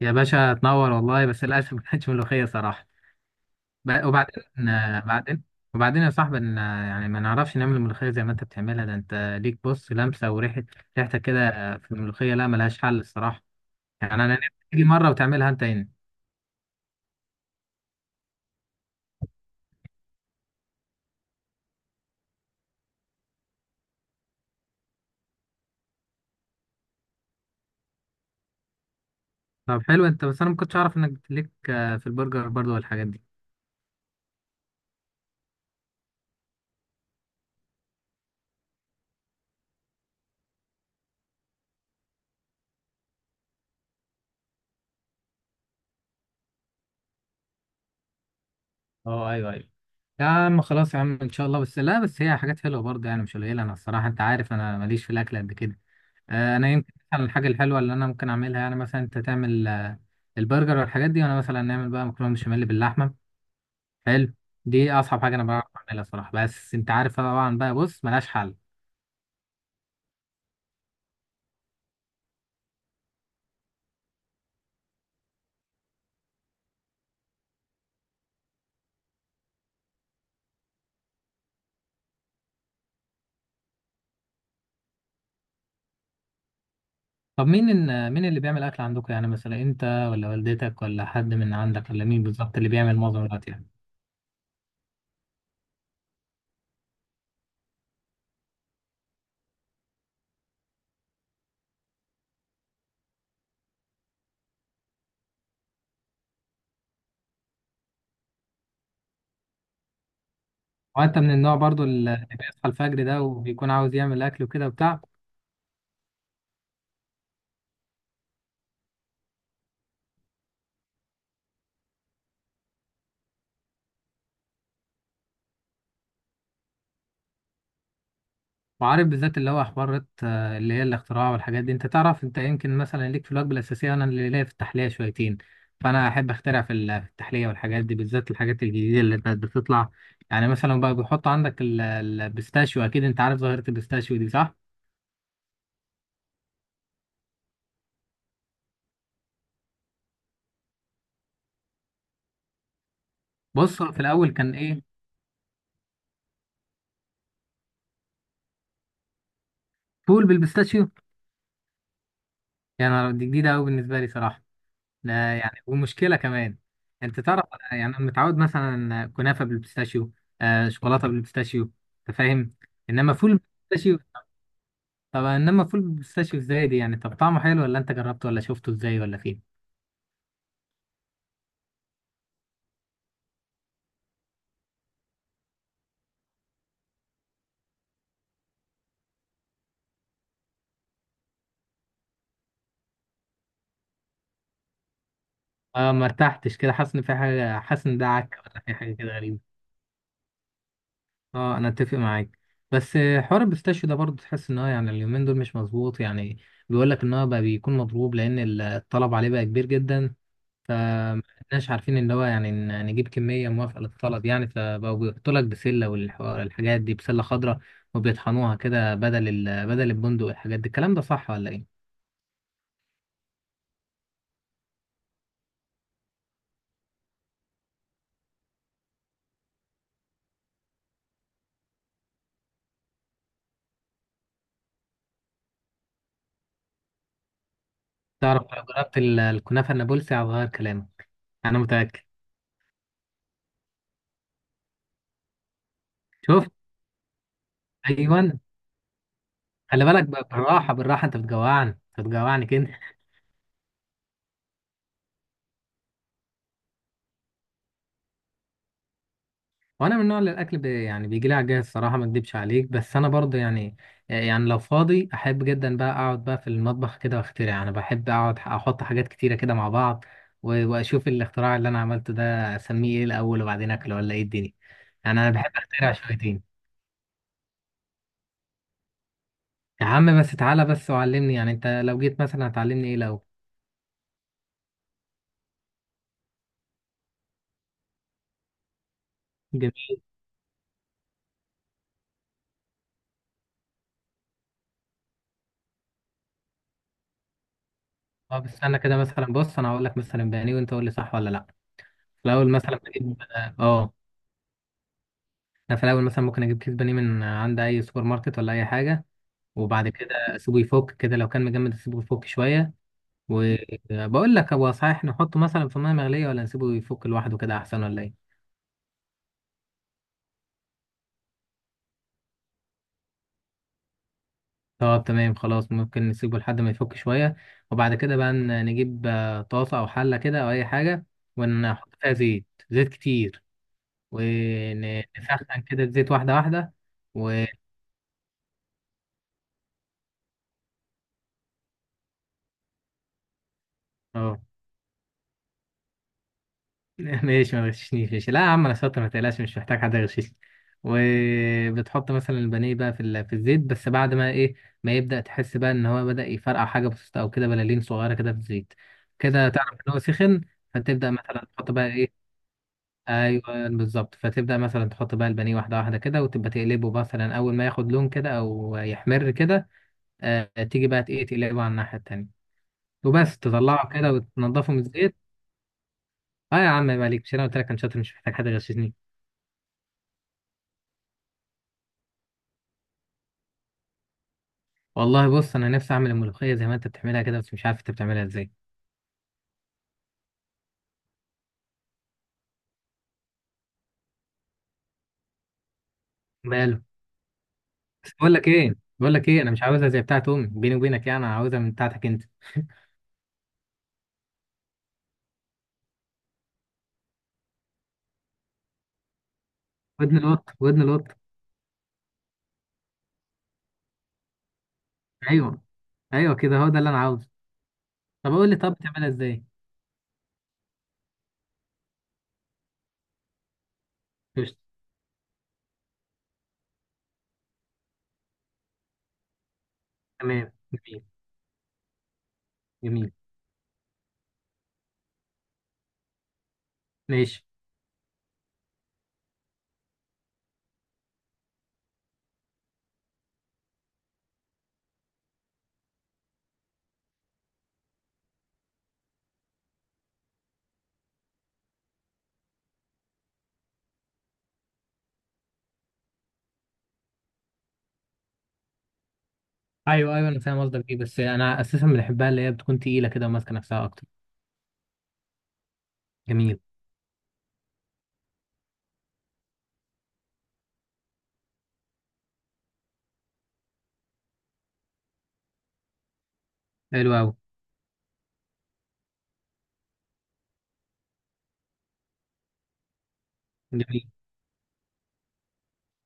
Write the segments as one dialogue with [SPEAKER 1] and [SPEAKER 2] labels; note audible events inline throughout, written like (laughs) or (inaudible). [SPEAKER 1] يا باشا، تنور والله. بس للأسف ما كانتش ملوخية صراحة. ب- وبعدين آه، بعدين وبعدين يا صاحبي يعني ما نعرفش نعمل الملوخية زي ما أنت بتعملها. ده أنت ليك بص، لمسة وريحة. ريحتك كده في الملوخية لا، ملهاش حل الصراحة. يعني أنا نفسي تيجي مرة وتعملها أنت هنا. طب حلو أنت، بس أنا ما كنتش أعرف إنك ليك في البرجر برضه والحاجات دي. أه، أيوه أيوه. يا عم خلاص، يا عم إن شاء الله، بس لا بس هي حاجات حلوة برضه، يعني مش قليلة، أنا الصراحة أنت عارف أنا ماليش في الأكل قد كده. انا يمكن مثلا الحاجه الحلوه اللي انا ممكن اعملها، يعني مثلا انت تعمل البرجر والحاجات دي، وانا مثلا نعمل بقى مكرونه بشاميل باللحمه. حلو. دي اصعب حاجه انا بعرف اعملها صراحه، بس انت عارف طبعا بقى، بص ملهاش حل. طب مين مين اللي بيعمل اكل عندكم؟ يعني مثلا انت، ولا والدتك، ولا حد من عندك، ولا مين بالظبط اللي بيعمل معظم الوقت يعني؟ وانت من النوع برضو اللي بيصحى الفجر ده وبيكون عاوز يعمل اكل وكده وبتاع؟ وعارف بالذات اللي هو حوارات اللي هي الاختراع والحاجات دي، انت تعرف انت يمكن مثلا ليك في الوجبه الاساسيه، انا اللي ليا في التحليه شويتين. فانا احب اخترع في التحليه والحاجات دي، بالذات الحاجات الجديده اللي كانت بتطلع. يعني مثلا بقى بيحط عندك البيستاشيو، اكيد انت عارف ظاهره البيستاشيو دي صح؟ بص هو في الاول كان ايه؟ فول بالبيستاشيو. يعني دي جديده قوي بالنسبه لي صراحه. لا يعني ومشكله كمان. انت تعرف أنا، يعني أنا متعود مثلا كنافه بالبيستاشيو، آه شوكولاته بالبيستاشيو، انت فاهم. انما فول بالبيستاشيو. طب انما فول بالبيستاشيو ازاي دي يعني؟ طب طعمه حلو ولا انت جربته ولا شفته ازاي ولا فين؟ اه ما ارتحتش كده، حاسس ان في حاجه، حاسس ان ده عك ولا في حاجه كده غريبه. اه انا اتفق معاك. بس حوار البيستاشيو ده برضه تحس ان هو يعني اليومين دول مش مظبوط يعني. بيقول لك ان هو بقى بيكون مضروب، لان الطلب عليه بقى كبير جدا. فمش عارفين ان هو يعني نجيب كميه موافقه للطلب يعني، فبقوا بيحطوا لك بسله والحاجات دي، بسله خضراء. وبيطحنوها كده بدل بدل البندق والحاجات دي. الكلام ده صح ولا ايه؟ تعرف لو جربت الكنافة النابلسي هتغير كلامك. أنا متأكد. شفت؟ أيوة. خلي بالك، بالراحة بالراحة، أنت بتجوعني. أنت بتجوعني كده. وأنا من النوع اللي الأكل بي يعني بيجي لي عجاز الصراحة، ما أكدبش عليك، بس أنا برضه يعني، يعني لو فاضي أحب جدا بقى أقعد بقى في المطبخ كده وأخترع. أنا بحب أقعد أحط حاجات كتيرة كده مع بعض، وأشوف الاختراع اللي أنا عملته ده أسميه إيه الأول، وبعدين أكله، ولا إيه الدنيا. يعني أنا بحب أخترع شويتين. يا عم بس تعالى بس وعلمني، يعني أنت لو جيت مثلا هتعلمني إيه لو؟ طب استنى كده مثلا، بص انا هقول لك مثلا بانيه وانت قول لي صح ولا لا. في الاول مثلا بجيب. انا في الاول مثلا ممكن اجيب كيس بانيه من عند اي سوبر ماركت ولا اي حاجه. وبعد كده اسيبه يفك كده، لو كان مجمد اسيبه يفك شويه. وبقول لك، هو صحيح نحطه مثلا في ميه مغليه ولا نسيبه يفك لوحده كده احسن ولا ايه؟ طب تمام خلاص، ممكن نسيبه لحد ما يفك شويه. وبعد كده بقى نجيب طاسه او حله كده او اي حاجه، ونحط فيها زيت، زيت كتير. ونسخن كده الزيت، واحده واحده. اه. (laughs) ماشي، ما تغششنيش. ماشي، لا يا عم انا شاطر، ما تقلقش مش محتاج حد يغششني. وبتحط مثلا البانيه بقى في الزيت، بس بعد ما ايه، ما يبدأ تحس بقى ان هو بدأ يفرقع حاجه بسيطه، او كده بلالين صغيره كده في الزيت، كده تعرف ان هو سخن. فتبدأ مثلا تحط بقى ايه، ايوه بالظبط، فتبدأ مثلا تحط بقى البانيه واحده واحده كده، وتبقى تقلبه، مثلا اول ما ياخد لون كده او يحمر كده، آه تيجي بقى ايه، تقلبه على الناحيه التانيه. وبس تطلعه كده وتنضفه من الزيت. اه يا عم عيب عليك، مش انا قلت لك انا شاطر مش محتاج حد يغششني. والله بص انا نفسي اعمل الملوخيه زي ما انت بتعملها كده، بس مش عارف انت بتعملها ازاي. ماله. بس بقول لك ايه، انا مش عاوزها زي بتاعت امي بيني وبينك، يعني انا عاوزها من بتاعتك انت. ودن القط، ودن القط. ايوه، ايوه كده هو ده اللي انا عاوزه. طب قول لي، طب بتعملها ازاي؟ قشطة. تمام جميل. جميل. ماشي. ايوه، ايوه انا فاهم قصدك ايه، بس انا اساسا بنحبها اللي هي بتكون تقيله كده وماسكه نفسها اكتر. جميل. حلو قوي. جميل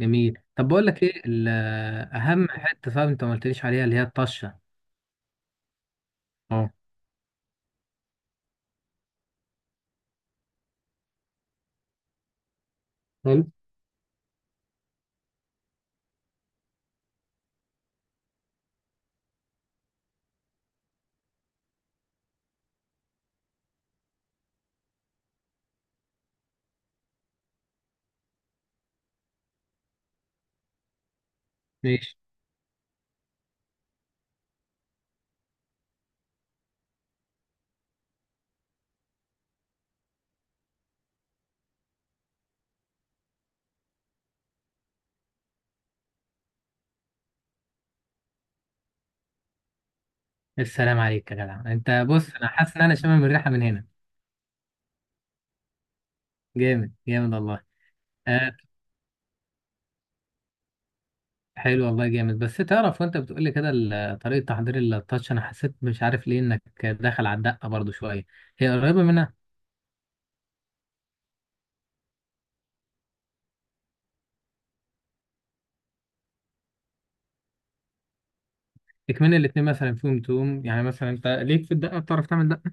[SPEAKER 1] جميل، طب بقول لك ايه. اهم حته صعب انت ما قلتليش عليها، اللي هي الطشه. اه. حلو. ماشي. السلام عليك يا جدع، انت بص (laughs) انا حاسس ان انا شامم الريحه من هنا. جامد جامد والله. آه. حلو والله جامد، بس تعرف وانت بتقول لي كده طريقه تحضير التاتش، انا حسيت مش عارف ليه انك داخل على الدقه برضو شويه. هي قريبه منها. اكمن الاتنين مثلا فيهم توم، يعني مثلا انت ليك في الدقه، بتعرف تعمل دقه؟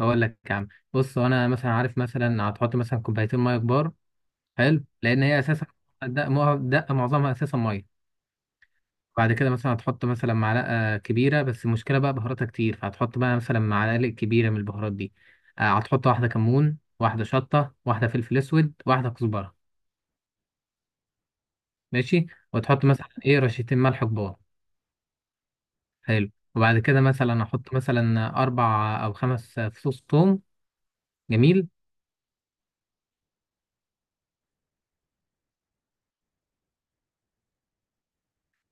[SPEAKER 1] اقول لك يا عم، بص انا مثلا عارف مثلا هتحط مثلا كوبايتين ميه كبار. حلو لان هي اساسا الدقه، دقه معظمها اساسا ميه. بعد كده مثلا هتحط مثلا معلقة كبيرة، بس المشكلة بقى بهاراتها كتير، فهتحط بقى مثلا معلقة كبيرة من البهارات دي. هتحط واحدة كمون، واحدة شطة، واحدة فلفل أسود، واحدة كزبرة. ماشي. وتحط مثلا إيه رشتين ملح كبار. حلو. وبعد كده مثلا أحط مثلا 4 أو 5 فصوص ثوم. جميل.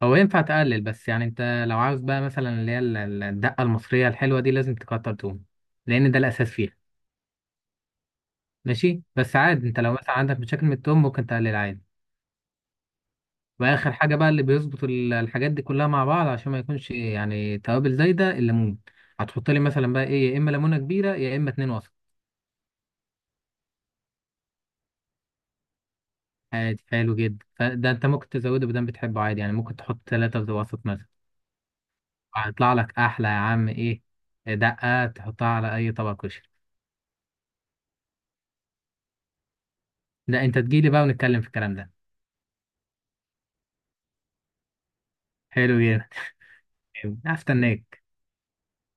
[SPEAKER 1] هو ينفع تقلل، بس يعني أنت لو عاوز بقى مثلا اللي هي الدقة المصرية الحلوة دي لازم تكتر توم، لأن ده الأساس فيها. ماشي، بس عادي أنت لو مثلا عندك مشاكل من التوم ممكن تقلل عادي. واخر حاجه بقى اللي بيظبط الحاجات دي كلها مع بعض عشان ما يكونش يعني توابل زايده، الليمون. هتحط لي مثلا بقى ايه يا اما ليمونه كبيره، يا اما اتنين وسط. عادي، حلو جدا، فده انت ممكن تزوده بدل بتحبه عادي، يعني ممكن تحط ثلاثه في وسط مثلا. هيطلع لك احلى يا عم ايه، دقه تحطها على اي طبق كشري. ده انت تجيلي بقى ونتكلم في الكلام ده. حلو جدا. طيب، هستناك.